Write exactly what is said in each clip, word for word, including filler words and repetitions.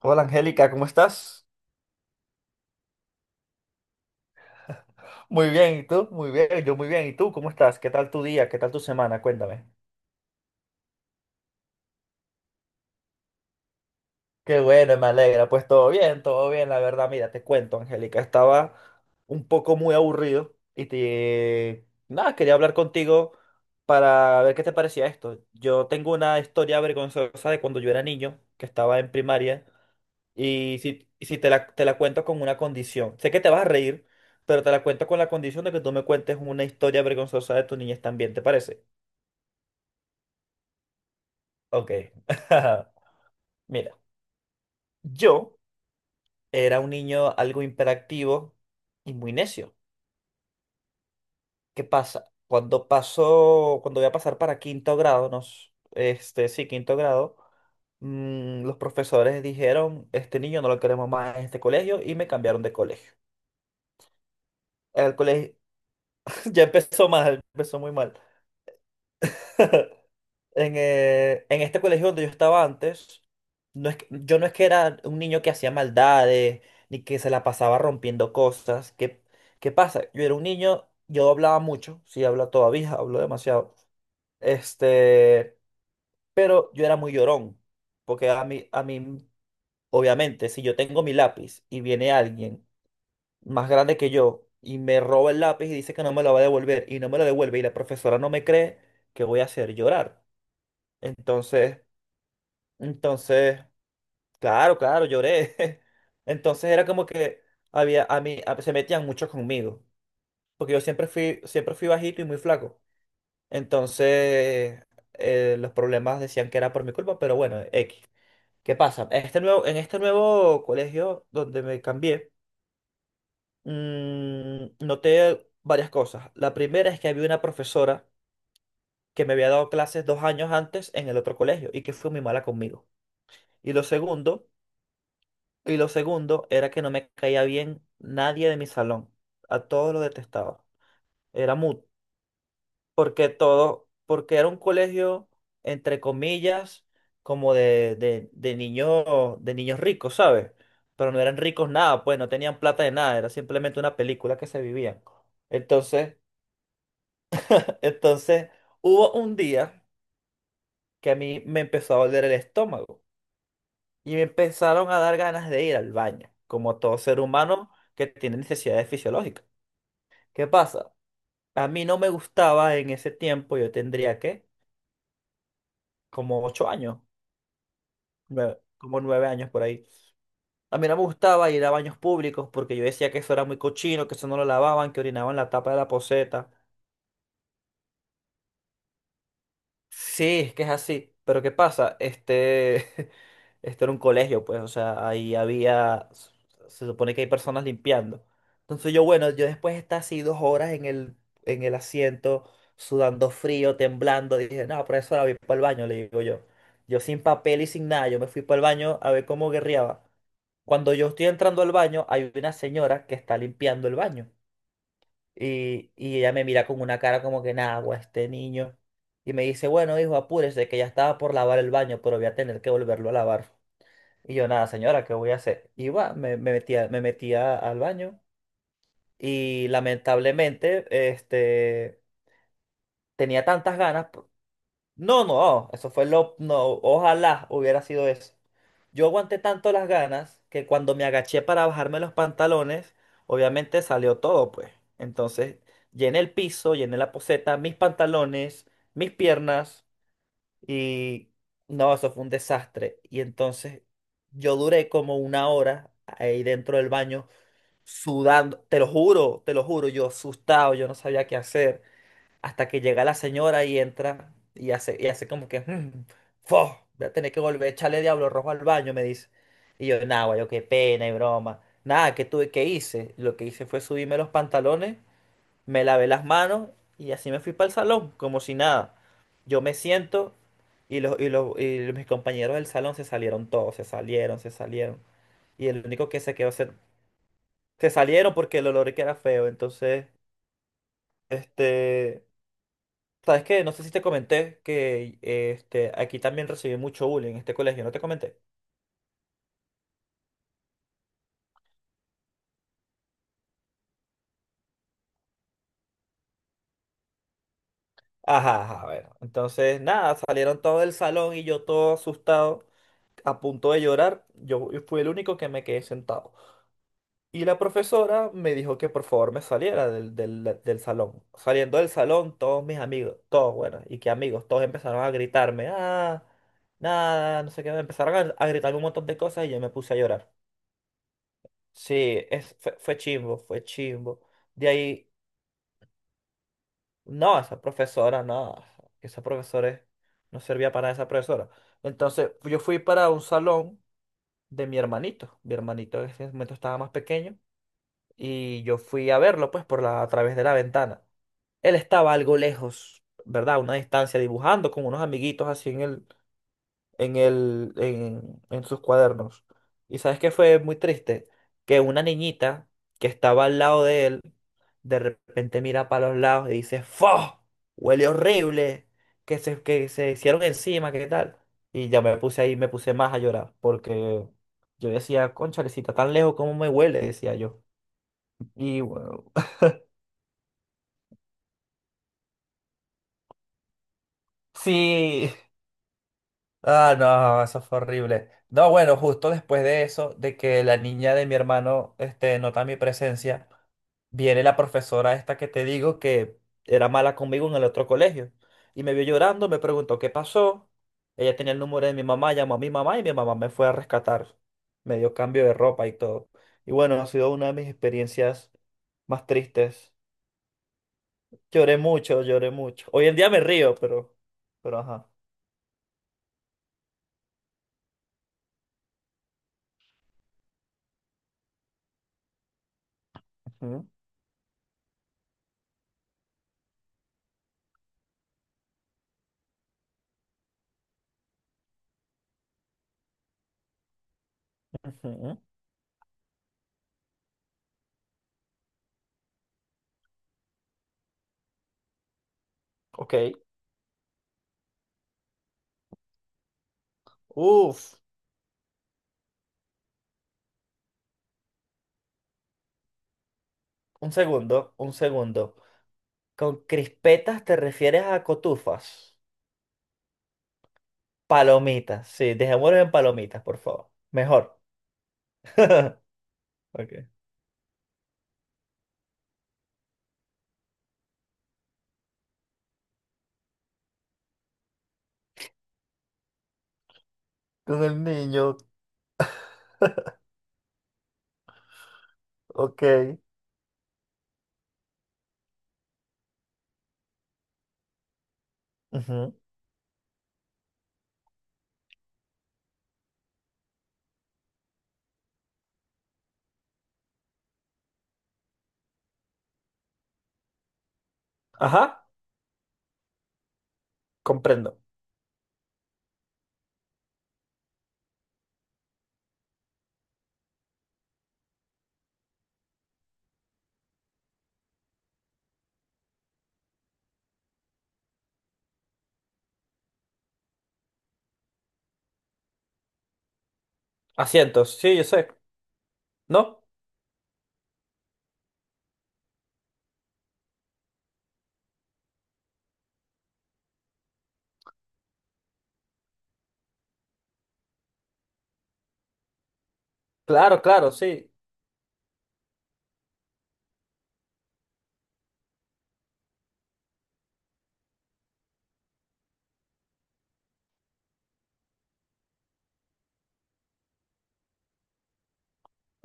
Hola Angélica, ¿cómo estás? Muy bien, ¿y tú? Muy bien, yo muy bien. ¿Y tú cómo estás? ¿Qué tal tu día? ¿Qué tal tu semana? Cuéntame. Qué bueno, me alegra. Pues todo bien, todo bien, la verdad. Mira, te cuento, Angélica, estaba un poco muy aburrido y te... Nada, quería hablar contigo para ver qué te parecía esto. Yo tengo una historia vergonzosa de cuando yo era niño, que estaba en primaria. Y si, y si te la, te la cuento con una condición, sé que te vas a reír, pero te la cuento con la condición de que tú me cuentes una historia vergonzosa de tu niñez también, ¿te parece? Ok. Mira, yo era un niño algo hiperactivo y muy necio. ¿Qué pasa? Cuando paso, cuando voy a pasar para quinto grado, nos, este, sí, quinto grado, mm, los profesores dijeron, este niño no lo queremos más en este colegio y me cambiaron de colegio. El colegio ya empezó mal, empezó muy mal. En, eh, en este colegio donde yo estaba antes, no es que- yo no es que era un niño que hacía maldades, ni que se la pasaba rompiendo cosas. ¿Qué, qué pasa? Yo era un niño, yo hablaba mucho, sí hablo todavía, hablo demasiado. Este, pero yo era muy llorón, porque a mí, a mí, obviamente, si yo tengo mi lápiz y viene alguien más grande que yo y me roba el lápiz y dice que no me lo va a devolver y no me lo devuelve y la profesora no me cree, ¿qué voy a hacer? Llorar. Entonces... Entonces, claro, claro, lloré. Entonces era como que había a mí a- se metían mucho conmigo, porque yo siempre fui siempre fui bajito y muy flaco. Entonces, eh, los problemas decían que era por mi culpa, pero bueno, X. ¿Qué pasa? En este nuevo en este nuevo colegio donde me cambié, mm, noté varias cosas. La primera es que había una profesora que me había dado clases dos años antes en el otro colegio y que fue muy mala conmigo. Y lo segundo Y lo segundo era que no me caía bien nadie de mi salón. A todos lo detestaba. Era mood. Porque todo, porque era un colegio, entre comillas, como de, de, de niño- de niños ricos, ¿sabes? Pero no eran ricos nada, pues no tenían plata de nada, era simplemente una película que se vivían. Entonces, entonces hubo un día que a mí me empezó a doler el estómago y me empezaron a dar ganas de ir al baño, como todo ser humano que tiene necesidades fisiológicas. ¿Qué pasa? A mí no me gustaba en ese tiempo, yo tendría que, como ocho años, nueve- como nueve años por ahí. A mí no me gustaba ir a baños públicos porque yo decía que eso era muy cochino, que eso no lo lavaban, que orinaban la tapa de la poceta. Sí, es que es así. Pero ¿qué pasa? Este, este era un colegio, pues, o sea, ahí había, se supone que hay personas limpiando. Entonces yo, bueno, yo después de estar así dos horas en el, en el asiento, sudando frío, temblando, dije, no, profesora, voy para el baño, le digo yo. Yo sin papel y sin nada, yo me fui para el baño a ver cómo guerreaba. Cuando yo estoy entrando al baño, hay una señora que está limpiando el baño. Y, y ella me mira con una cara como que nada, güey, este niño. Y me dice, bueno, hijo, apúrese, que ya estaba por lavar el baño, pero voy a tener que volverlo a lavar. Y yo, nada, señora, ¿qué voy a hacer? Y va, me, me metía, me metía al baño. Y lamentablemente, este, tenía tantas ganas. No, no, eso fue lo... No, ojalá hubiera sido eso. Yo aguanté tanto las ganas que cuando me agaché para bajarme los pantalones, obviamente salió todo, pues. Entonces, llené el piso, llené la poceta, mis pantalones, mis piernas y no, eso fue un desastre. Y entonces yo duré como una hora ahí dentro del baño sudando, te lo juro, te lo juro, yo asustado, yo no sabía qué hacer hasta que llega la señora y entra y hace, y hace como que, "Mm, fo, voy a tener que volver a echarle diablo rojo al baño, me dice. Y yo, nada, guayo, qué pena y broma. Nada, ¿qué tuve que hice? Lo que hice fue subirme los pantalones, me lavé las manos y así me fui para el salón, como si nada. Yo me siento y, los, y, los, y mis compañeros del salón se salieron todos, se salieron, se salieron. Y el único que se quedó, se, se salieron porque el olor que era feo. Entonces, este... sabes que no sé si te comenté que este, aquí también recibí mucho bullying en este colegio, ¿no te comenté? Ajá, ajá, bueno. Entonces, nada, salieron todo del salón y yo todo asustado, a punto de llorar. Yo fui el único que me quedé sentado. Y la profesora me dijo que por favor me saliera del, del, del salón. Saliendo del salón, todos mis amigos, todos, bueno, y qué amigos, todos empezaron a gritarme, ah, nada, no sé qué, empezaron a, a gritarme un montón de cosas y yo me puse a llorar. Sí, es, fue, fue chimbo, fue chimbo. De ahí, no, esa profesora, no, esa profesora es- no servía para esa profesora. Entonces, yo fui para un salón de mi hermanito. Mi hermanito en ese momento estaba más pequeño y yo fui a verlo, pues, por la, a través de la ventana. Él estaba algo lejos, ¿verdad? A una distancia, dibujando con unos amiguitos así en el, en el, en, en sus cuadernos. ¿Y sabes qué fue muy triste? Que una niñita que estaba al lado de él, de repente mira para los lados y dice, ¡Fo! Huele horrible, que se, que se hicieron encima, ¿qué tal? Y ya me puse ahí, me puse más a llorar, porque yo decía, conchalecita, tan lejos como me huele, decía yo. Y bueno, sí, Ah, no, eso fue horrible. No, bueno, justo después de eso, de que la niña de mi hermano, este, nota mi presencia, viene la profesora esta que te digo que era mala conmigo en el otro colegio. Y me vio llorando, me preguntó qué pasó. Ella tenía el número de mi mamá, llamó a mi mamá y mi mamá me fue a rescatar. Me dio cambio de ropa y todo. Y bueno, ha sido una de mis experiencias más tristes. Lloré mucho, lloré mucho. Hoy en día me río, pero, pero ajá. Ujú, ujú. Ok. Uf. Un segundo, un segundo. Con crispetas te refieres a cotufas. Palomitas, sí, dejémoslo en palomitas, por favor. Mejor. Ok. Con el niño, ok. Ujú. Ajá, comprendo. Asientos, sí, yo sé. ¿No? Claro, claro, sí.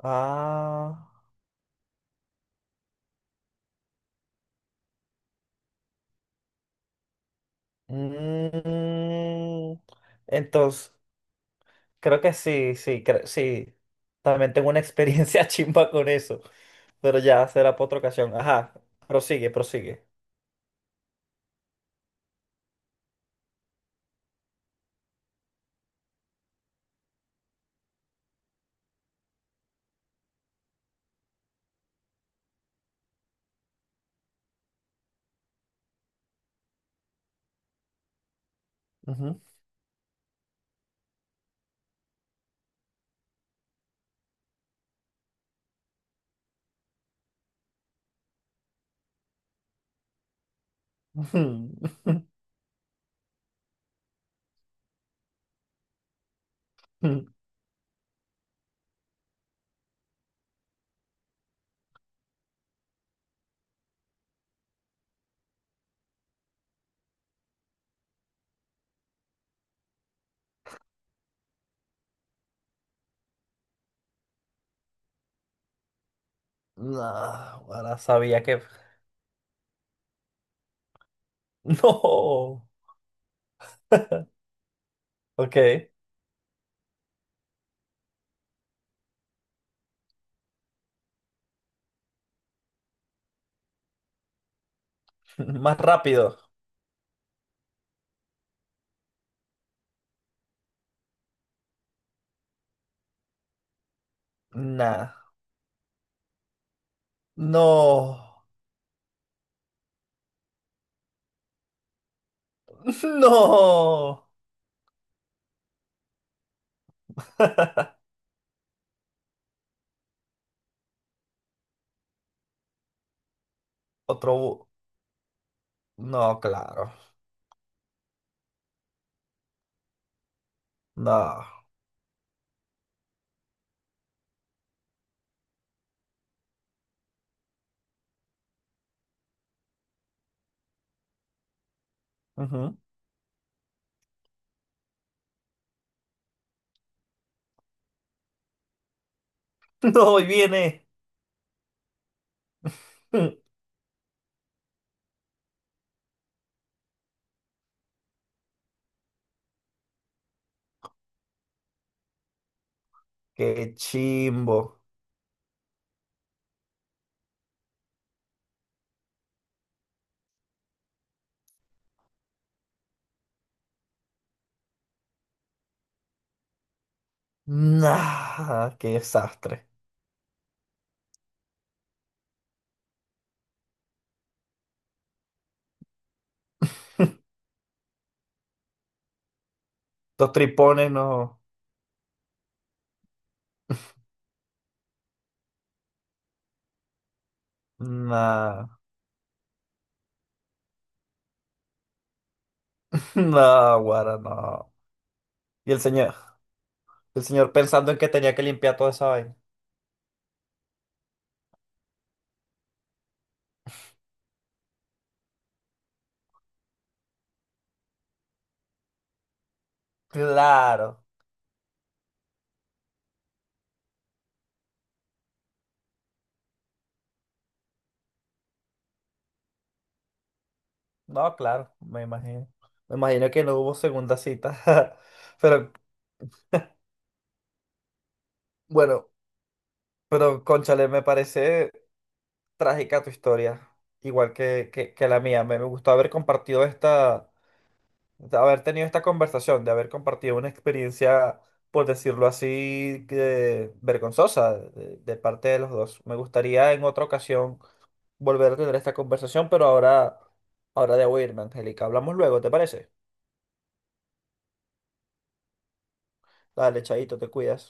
Ah. mm, entonces, creo que sí, sí, cre- sí. También tengo una experiencia chimba con eso, pero ya será por otra ocasión. Ajá, prosigue, prosigue. Ujú. No, ahora sabía que... No. Ok. Más rápido. Nah. No. No. Otro... bu- No, claro. No. Ujú. No, ahí viene. Qué chimbo. Nah. Qué desastre. Dos tripones, no. Nah. No, guara, no. Y el señor. El señor pensando en que tenía que limpiar toda esa vaina. Claro, no, claro, me imagino. Me imagino que no hubo segunda cita. Pero bueno, pero cónchale, me parece trágica tu historia, igual que, que, que la mía. Me, me gustó haber compartido esta, de haber tenido esta conversación, de haber compartido una experiencia, por decirlo así, que, vergonzosa de, de parte de los dos. Me gustaría en otra ocasión volver a tener esta conversación, pero ahora, ahora debo irme, Angélica. Hablamos luego, ¿te parece? Dale, chaito, te cuidas.